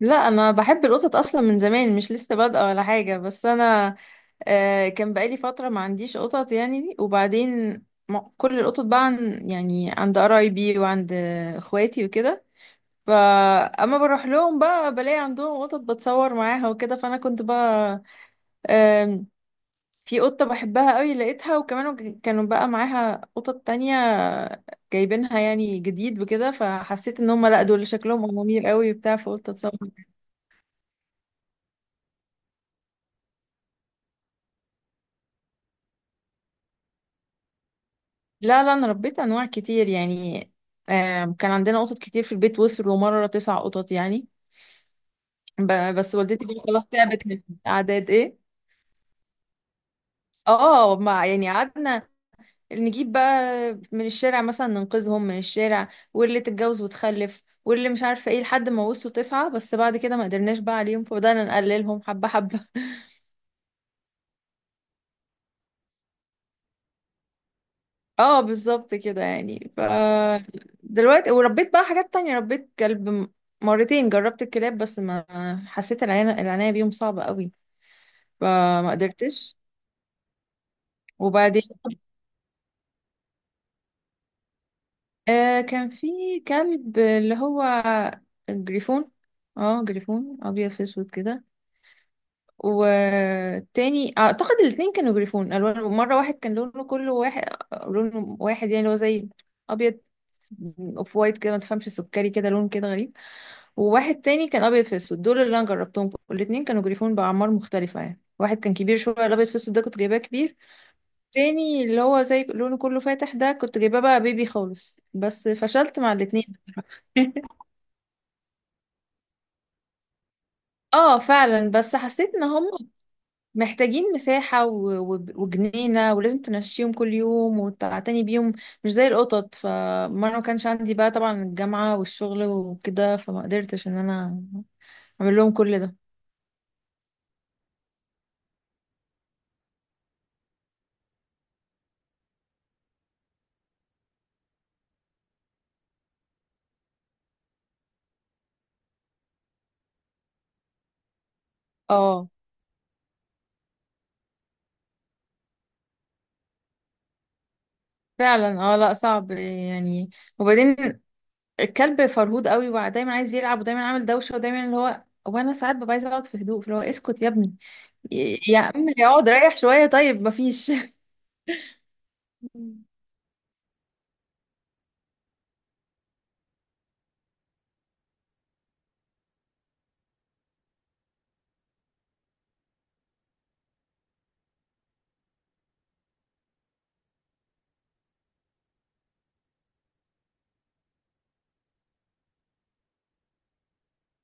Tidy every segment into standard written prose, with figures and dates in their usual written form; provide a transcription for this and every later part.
لا، انا بحب القطط اصلا من زمان، مش لسه بادئه ولا حاجه. بس انا كان بقالي فتره ما عنديش قطط يعني. وبعدين كل القطط بقى عن يعني عند قرايبي وعند اخواتي وكده. فاما بروح لهم بقى بلاقي عندهم قطط بتصور معاها وكده. فانا كنت بقى آم، في قطه بحبها قوي لقيتها، وكمان كانوا بقى معاها قطط تانية جايبينها يعني جديد وكده. فحسيت ان هم لا دول شكلهم امامير قوي وبتاع، فقلت اتصور. لا لا، انا ربيت انواع كتير يعني. كان عندنا قطط كتير في البيت، وصلوا مرة تسع قطط يعني. بس والدتي بقى خلاص تعبت من اعداد ايه. اه ما يعني قعدنا نجيب بقى من الشارع مثلا، ننقذهم من الشارع، واللي تتجوز وتخلف واللي مش عارفة ايه لحد ما وصلوا تسعة. بس بعد كده ما قدرناش بقى عليهم، فبدأنا نقللهم حبة حبة. اه بالظبط كده يعني. ف دلوقتي وربيت بقى حاجات تانية، ربيت كلب مرتين. جربت الكلاب بس ما حسيت، العناية بيهم صعبة قوي فما قدرتش. وبعدين آه كان في كلب اللي هو جريفون. اه جريفون ابيض في اسود كده. والتاني اعتقد الاتنين كانوا جريفون الوان. مرة واحد كان لونه كله واحد، لونه واحد يعني اللي هو زي ابيض اوف وايت كده، ما تفهمش سكري كده، لون كده غريب. وواحد تاني كان ابيض في اسود. دول اللي انا جربتهم الاتنين، كانوا جريفون باعمار مختلفه يعني. واحد كان كبير شويه، الابيض في اسود ده كنت جايباه كبير. تاني اللي هو زي لونه كله فاتح ده كنت جايباه بقى بيبي خالص. بس فشلت مع الاتنين. اه فعلا، بس حسيت ان هم محتاجين مساحة وجنينة، ولازم تمشيهم كل يوم وتعتني بيهم، مش زي القطط. فما انا ما كانش عندي بقى، طبعا الجامعة والشغل وكده، فما قدرتش ان انا اعمل لهم كل ده. اه فعلا. اه لا صعب يعني. وبعدين الكلب فرهود قوي ودايما عايز يلعب ودايما عامل دوشه ودايما اللي هو، وانا ساعات ببقى عايزه اقعد في هدوء، فاللي هو اسكت يا ابني، يا عم اقعد ريح شويه طيب، مفيش. مم.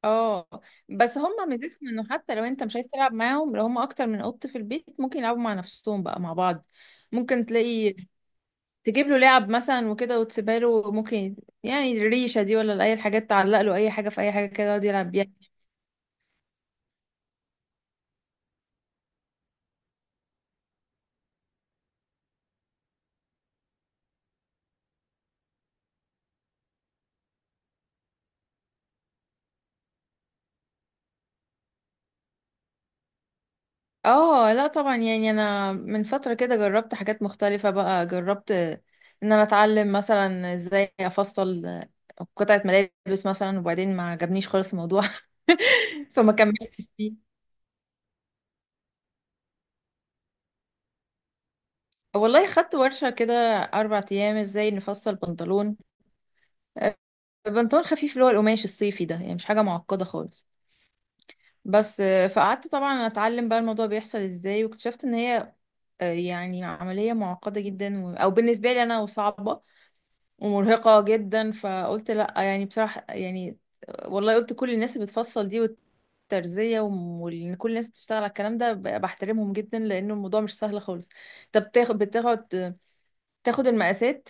اه بس هم ميزتهم انه حتى لو انت مش عايز تلعب معاهم، لو هم اكتر من قط في البيت ممكن يلعبوا مع نفسهم بقى مع بعض. ممكن تلاقي تجيب له لعب مثلا وكده وتسيبها له ممكن، يعني الريشه دي ولا اي حاجات تعلق له اي حاجه في اي حاجه كده يقعد يلعب بيها. اه لا طبعا يعني. انا من فترة كده جربت حاجات مختلفة بقى، جربت ان انا اتعلم مثلا ازاي افصل قطعة ملابس مثلا، وبعدين ما عجبنيش خالص الموضوع. فما كملتش فيه. والله خدت ورشة كده 4 ايام ازاي نفصل بنطلون. آه، بنطلون خفيف اللي هو القماش الصيفي ده يعني، مش حاجة معقدة خالص. بس فقعدت طبعا اتعلم بقى الموضوع بيحصل ازاي، واكتشفت ان هي يعني عملية معقدة جدا أو بالنسبة لي أنا، وصعبة ومرهقة جدا. فقلت لأ يعني بصراحة يعني، والله قلت كل الناس اللي بتفصل دي والترزية وإن كل الناس بتشتغل على الكلام ده بحترمهم جدا، لأنه الموضوع مش سهل خالص. طب تاخد المقاسات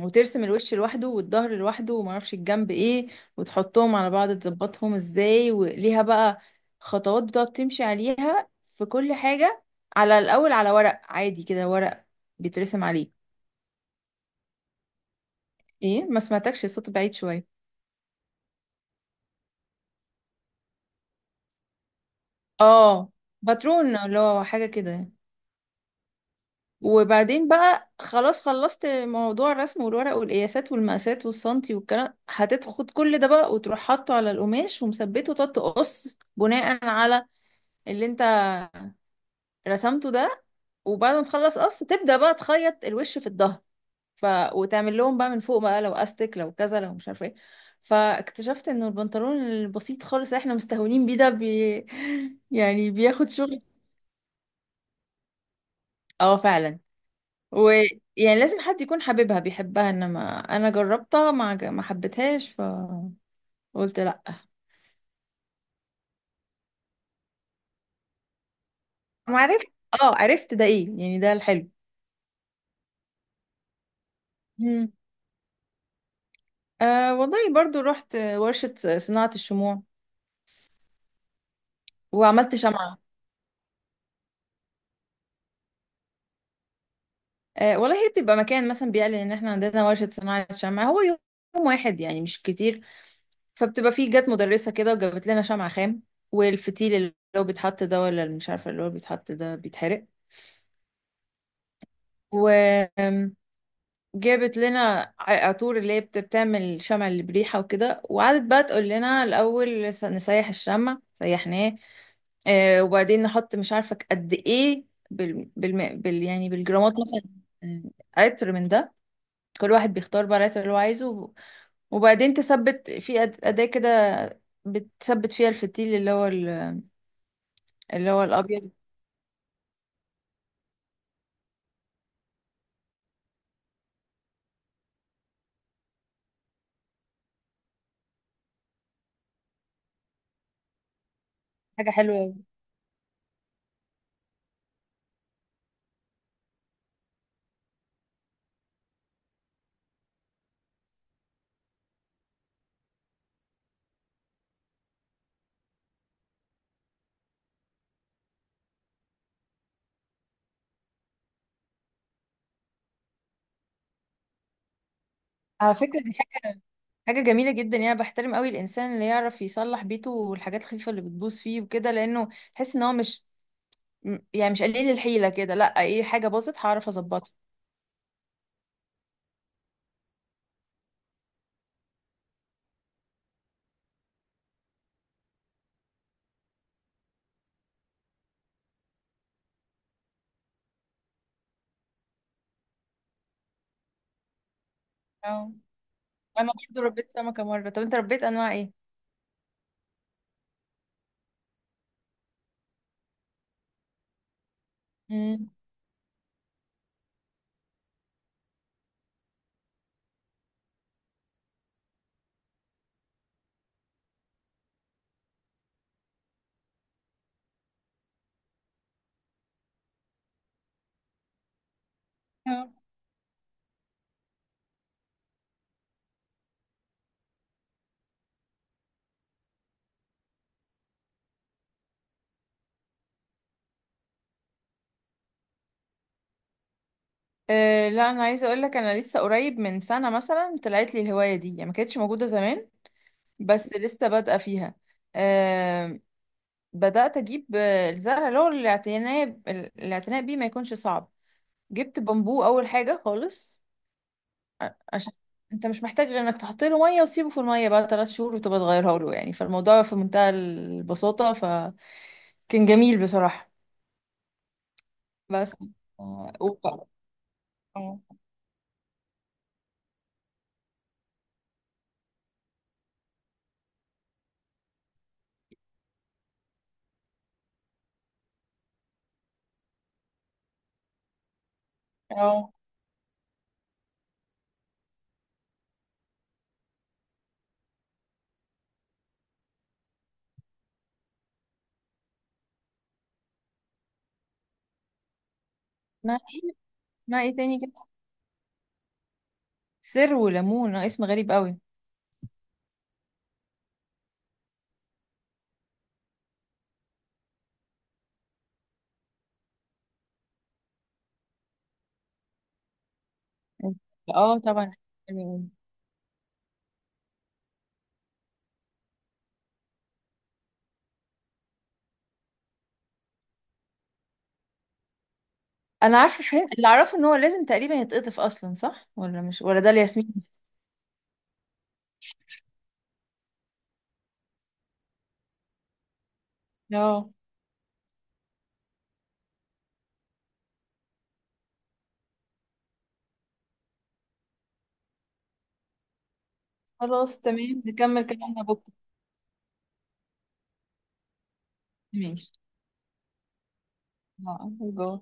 وترسم الوش لوحده والظهر لوحده ومعرفش الجنب ايه، وتحطهم على بعض تظبطهم ازاي. وليها بقى خطوات بتقعد تمشي عليها في كل حاجة. على الأول على ورق عادي كده، ورق بيترسم عليه. ايه ما سمعتكش، الصوت بعيد شوية. اه باترون، اللي هو حاجة كده يعني. وبعدين بقى خلاص خلصت موضوع الرسم والورق والقياسات والمقاسات والسنتي والكلام، هتاخد كل ده بقى وتروح حاطه على القماش ومثبته، وتقعد تقص بناء على اللي انت رسمته ده. وبعد ما تخلص قص تبدأ بقى تخيط الوش في الظهر، ف... وتعمل لهم بقى من فوق بقى لو استك لو كذا لو مش عارفه ايه. فاكتشفت انه البنطلون البسيط خالص اللي احنا مستهونين بيه ده يعني بياخد شغل. اه فعلا. ويعني لازم حد يكون حاببها بيحبها، انما انا جربتها ما حبيتهاش فقلت لا. ما عرفت. اه عرفت ده ايه يعني، ده الحلو. مم. آه والله برضو رحت ورشة صناعة الشموع وعملت شمعة. آه والله هي بتبقى مكان مثلا بيعلن ان احنا عندنا ورشة صناعة شمعة، هو يوم واحد يعني مش كتير. فبتبقى فيه، جت مدرسة كده وجابت لنا شمعة خام والفتيل اللي هو بيتحط ده، ولا اللي مش عارفة اللي هو بيتحط ده بيتحرق. و جابت لنا عطور اللي هي بتعمل شمع اللي بريحة وكده، وقعدت بقى تقول لنا الأول، نسيح الشمع سيحناه. آه وبعدين نحط مش عارفة قد ايه يعني بالجرامات مثلا. عطر من ده، كل واحد بيختار بقى العطر اللي هو عايزه وبعدين تثبت في أداة كده، بتثبت فيها الفتيل اللي هو اللي هو الأبيض. حاجة حلوة أوي. على فكرة حاجة جميلة جدا يعني، بحترم قوي الإنسان اللي يعرف يصلح بيته والحاجات الخفيفة اللي بتبوظ فيه وكده، لأنه تحس إن هو مش يعني مش قليل الحيلة كده. لأ إيه، حاجة باظت هعرف أظبطها. أو أنا برضو ربيت سمكة مرة. طب أنت ربيت أنواع إيه؟ مم. آه. أه لا أنا عايزة أقولك، أنا لسه قريب من سنة مثلا طلعت لي الهواية دي يعني، ما كانتش موجودة زمان. بس لسه بادئة فيها. أه بدأت أجيب الزرع، اللي هو الاعتناء بيه ما يكونش صعب. جبت بامبو أول حاجة خالص. عشان انت مش محتاج غير انك تحط له ميه وسيبه في الميه بقى 3 شهور وتبقى تغيرها له يعني، فالموضوع في منتهى البساطه، فكان جميل بصراحه. بس آه، و- اه. اه ما ايه ما ايه تاني كده. سر وليمون، اسم غريب قوي. اه طبعا. انا عارفه فين اللي اعرفه ان هو لازم تقريبا يتقطف اصلا، صح ولا مش، ولا ده الياسمين. اه خلاص تمام، نكمل كلامنا بكره. ماشي. اه باي.